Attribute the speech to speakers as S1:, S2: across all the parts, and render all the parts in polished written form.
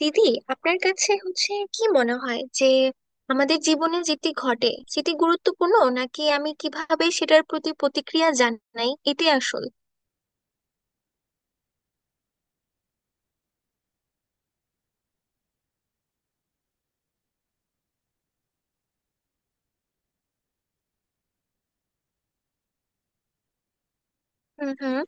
S1: দিদি, আপনার কাছে হচ্ছে কি মনে হয় যে আমাদের জীবনে যেটি ঘটে সেটি গুরুত্বপূর্ণ, নাকি আমি কিভাবে সেটার প্রতি প্রতিক্রিয়া জানাই এটাই আসল? হুম হুম।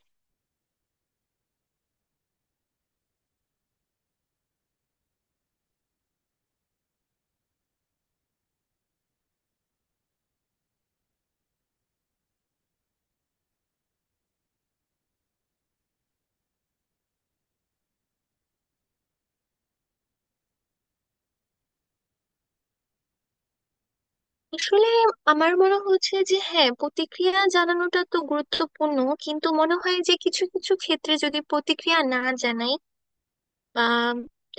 S1: আসলে আমার মনে হচ্ছে যে হ্যাঁ, প্রতিক্রিয়া জানানোটা তো গুরুত্বপূর্ণ, কিন্তু মনে হয় যে কিছু কিছু ক্ষেত্রে যদি প্রতিক্রিয়া না জানাই বা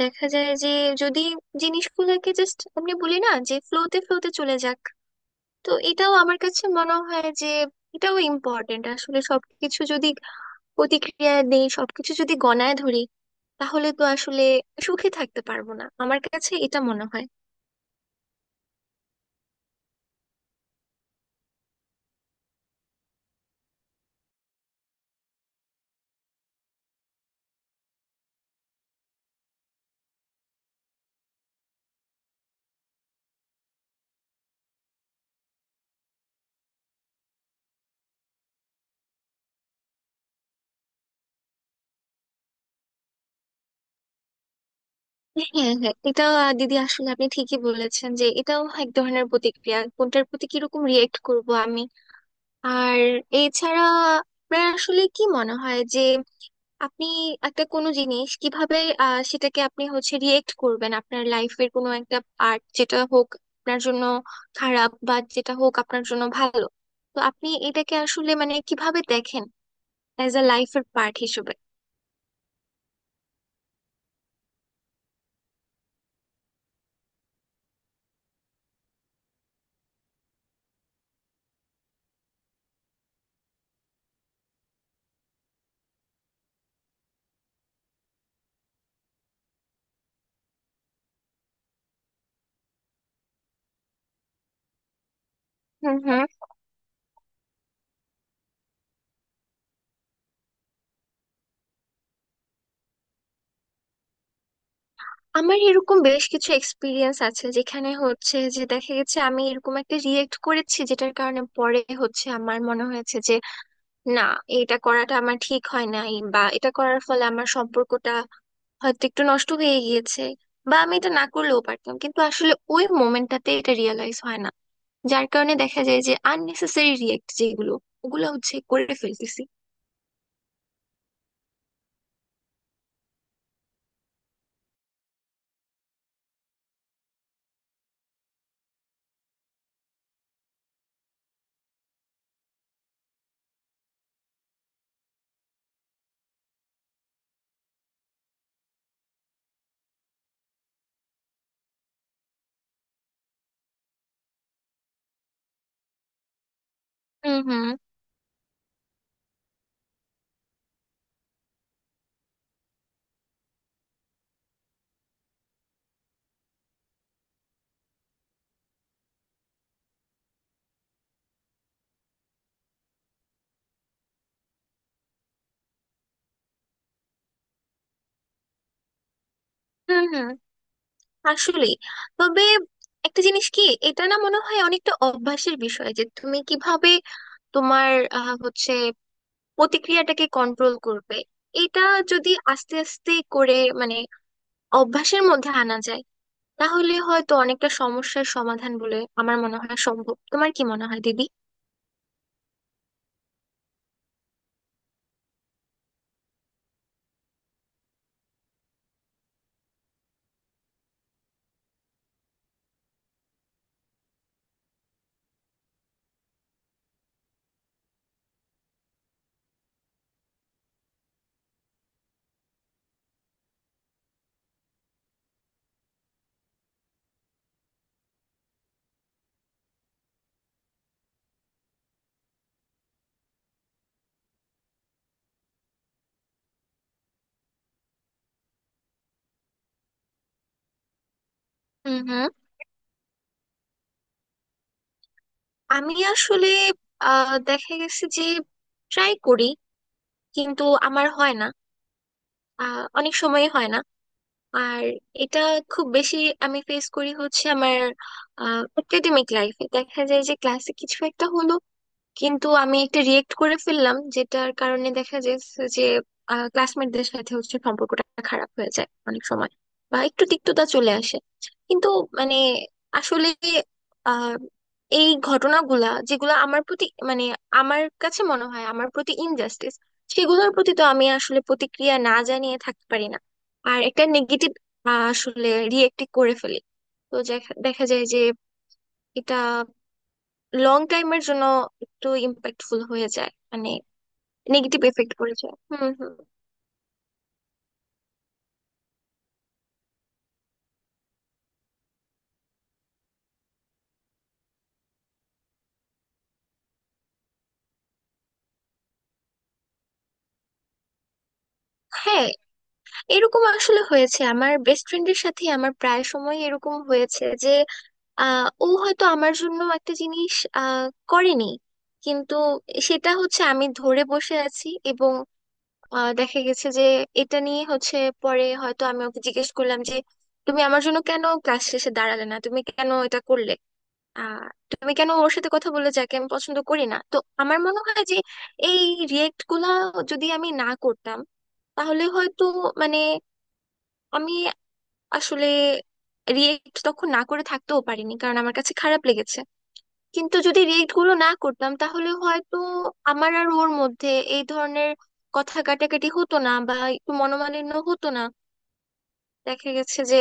S1: দেখা যায় যে, যদি জিনিসগুলোকে জাস্ট আপনি বলি না যে ফ্লোতে ফ্লোতে চলে যাক, তো এটাও আমার কাছে মনে হয় যে এটাও ইম্পর্টেন্ট। আসলে সবকিছু যদি প্রতিক্রিয়া দেই, সবকিছু যদি গণায় ধরি, তাহলে তো আসলে সুখে থাকতে পারবো না, আমার কাছে এটা মনে হয়। হ্যাঁ হ্যাঁ, এটা দিদি আসলে আপনি ঠিকই বলেছেন যে এটাও এক ধরনের প্রতিক্রিয়া, কোনটার প্রতি কিরকম রিয়েক্ট করব আমি। আর এছাড়া আপনার আসলে কি মনে হয় যে আপনি একটা কোনো জিনিস কিভাবে, সেটাকে আপনি হচ্ছে রিয়েক্ট করবেন? আপনার লাইফের কোনো একটা পার্ট যেটা হোক আপনার জন্য খারাপ বা যেটা হোক আপনার জন্য ভালো, তো আপনি এটাকে আসলে মানে কিভাবে দেখেন অ্যাজ আ লাইফের পার্ট হিসেবে? হুম হুম। আমার এরকম বেশ কিছু এক্সপিরিয়েন্স আছে যেখানে হচ্ছে যে দেখা গেছে আমি এরকম একটা রিয়েক্ট করেছি যেটার কারণে পরে হচ্ছে আমার মনে হয়েছে যে না, এটা করাটা আমার ঠিক হয় নাই, বা এটা করার ফলে আমার সম্পর্কটা হয়তো একটু নষ্ট হয়ে গিয়েছে, বা আমি এটা না করলেও পারতাম, কিন্তু আসলে ওই মোমেন্টটাতে এটা রিয়েলাইজ হয় না, যার কারণে দেখা যায় যে আননেসেসারি রিয়েক্ট যেগুলো, ওগুলো হচ্ছে করে ফেলতেছি। হুম হুম। হুম হুম। আসলে তবে একটা জিনিস কি, এটা না মনে হয় অনেকটা অভ্যাসের বিষয় যে তুমি কিভাবে তোমার হচ্ছে প্রতিক্রিয়াটাকে কন্ট্রোল করবে। এটা যদি আস্তে আস্তে করে মানে অভ্যাসের মধ্যে আনা যায়, তাহলে হয়তো অনেকটা সমস্যার সমাধান বলে আমার মনে হয় সম্ভব। তোমার কি মনে হয় দিদি? হুম হুম। আমি আসলে দেখা গেছে যে ট্রাই করি, কিন্তু আমার হয় না, অনেক সময় হয় না। আর এটা খুব বেশি আমি ফেস করি হচ্ছে আমার একাডেমিক লাইফে, দেখা যায় যে ক্লাসে কিছু একটা হলো কিন্তু আমি একটা রিয়েক্ট করে ফেললাম, যেটার কারণে দেখা যাচ্ছে যে ক্লাসমেটদের সাথে হচ্ছে সম্পর্কটা খারাপ হয়ে যায় অনেক সময়, বা একটু তিক্ততা চলে আসে। কিন্তু মানে আসলে আহ এই ঘটনাগুলা যেগুলো আমার প্রতি মানে আমার কাছে মনে হয় আমার প্রতি ইনজাস্টিস, সেগুলোর প্রতি তো আমি আসলে প্রতিক্রিয়া না জানিয়ে থাকতে পারি না, আর একটা নেগেটিভ আসলে রিয়েক্ট করে ফেলি। তো দেখা দেখা যায় যে এটা লং টাইমের জন্য একটু ইম্প্যাক্টফুল হয়ে যায়, মানে নেগেটিভ এফেক্ট পড়ে যায়। হুম হুম। হ্যাঁ, এরকম আসলে হয়েছে আমার বেস্ট ফ্রেন্ডের সাথে, আমার প্রায় সময় এরকম হয়েছে যে ও হয়তো আমার জন্য একটা জিনিস আহ, করেনি, কিন্তু সেটা হচ্ছে আমি ধরে বসে আছি, এবং দেখা গেছে যে এটা নিয়ে হচ্ছে পরে হয়তো আমি ওকে জিজ্ঞেস করলাম যে তুমি আমার জন্য কেন ক্লাস শেষে দাঁড়ালে না, তুমি কেন এটা করলে, আহ তুমি কেন ওর সাথে কথা বললে যাকে আমি পছন্দ করি না? তো আমার মনে হয় যে এই রিয়েক্ট গুলা যদি আমি না করতাম তাহলে হয়তো, মানে, আমি আসলে রিয়েক্ট তখন না করে থাকতেও পারিনি কারণ আমার কাছে খারাপ লেগেছে, কিন্তু যদি রিয়েক্ট গুলো না করতাম তাহলে হয়তো আমার আর ওর মধ্যে এই ধরনের কথা কাটাকাটি হতো না বা একটু মনোমালিন্য হতো না, দেখা গেছে যে।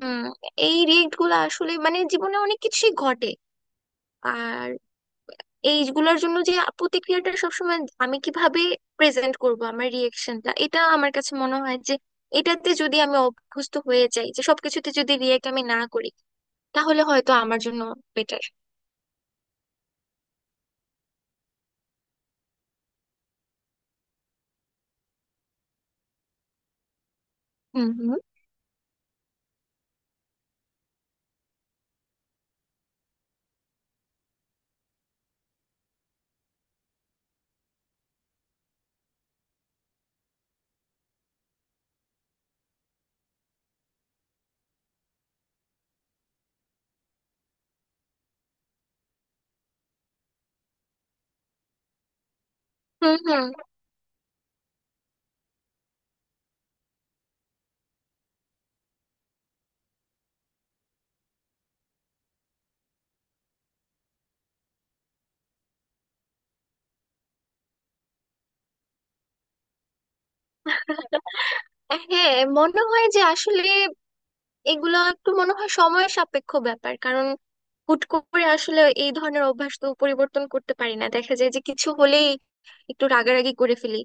S1: হুম। এই রিয়েক্ট গুলো আসলে মানে জীবনে অনেক কিছুই ঘটে, আর এইগুলোর জন্য যে প্রতিক্রিয়াটা সবসময় আমি কিভাবে প্রেজেন্ট করব আমার রিয়েকশনটা, এটা আমার কাছে মনে হয় যে এটাতে যদি আমি অভ্যস্ত হয়ে যাই যে সবকিছুতে যদি রিয়েক্ট আমি না করি, তাহলে হয়তো আমার জন্য বেটার। হুম হুম। হুম হুম। হ্যাঁ, মনে হয় যে আসলে এগুলো একটু মনে হয় সময় সাপেক্ষ ব্যাপার, কারণ হুট করে আসলে এই ধরনের অভ্যাস তো পরিবর্তন করতে পারি না, দেখা যায় যে কিছু হলেই একটু রাগারাগি করে ফেলি।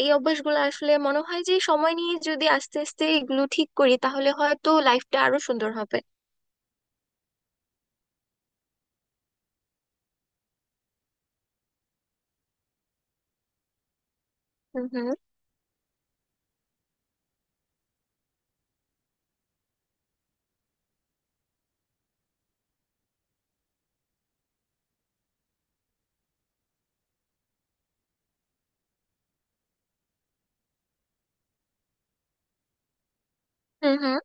S1: এই অভ্যাসগুলো আসলে মনে হয় যে সময় নিয়ে যদি আস্তে আস্তে এগুলো ঠিক করি তাহলে হয়তো লাইফটা আরো সুন্দর হবে। হুম হুম। হুম হুম।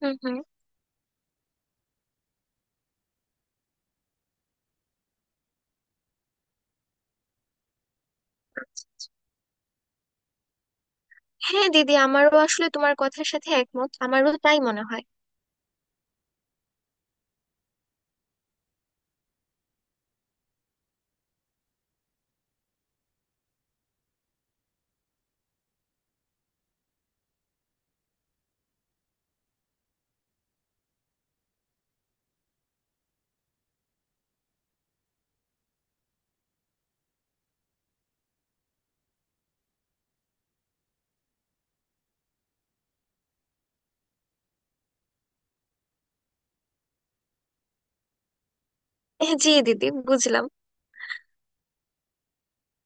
S1: হুম হুম। হ্যাঁ দিদি, আমারও আসলে তোমার কথার সাথে একমত, আমারও তাই মনে হয়। হ্যাঁ, জি দিদি, বুঝলাম।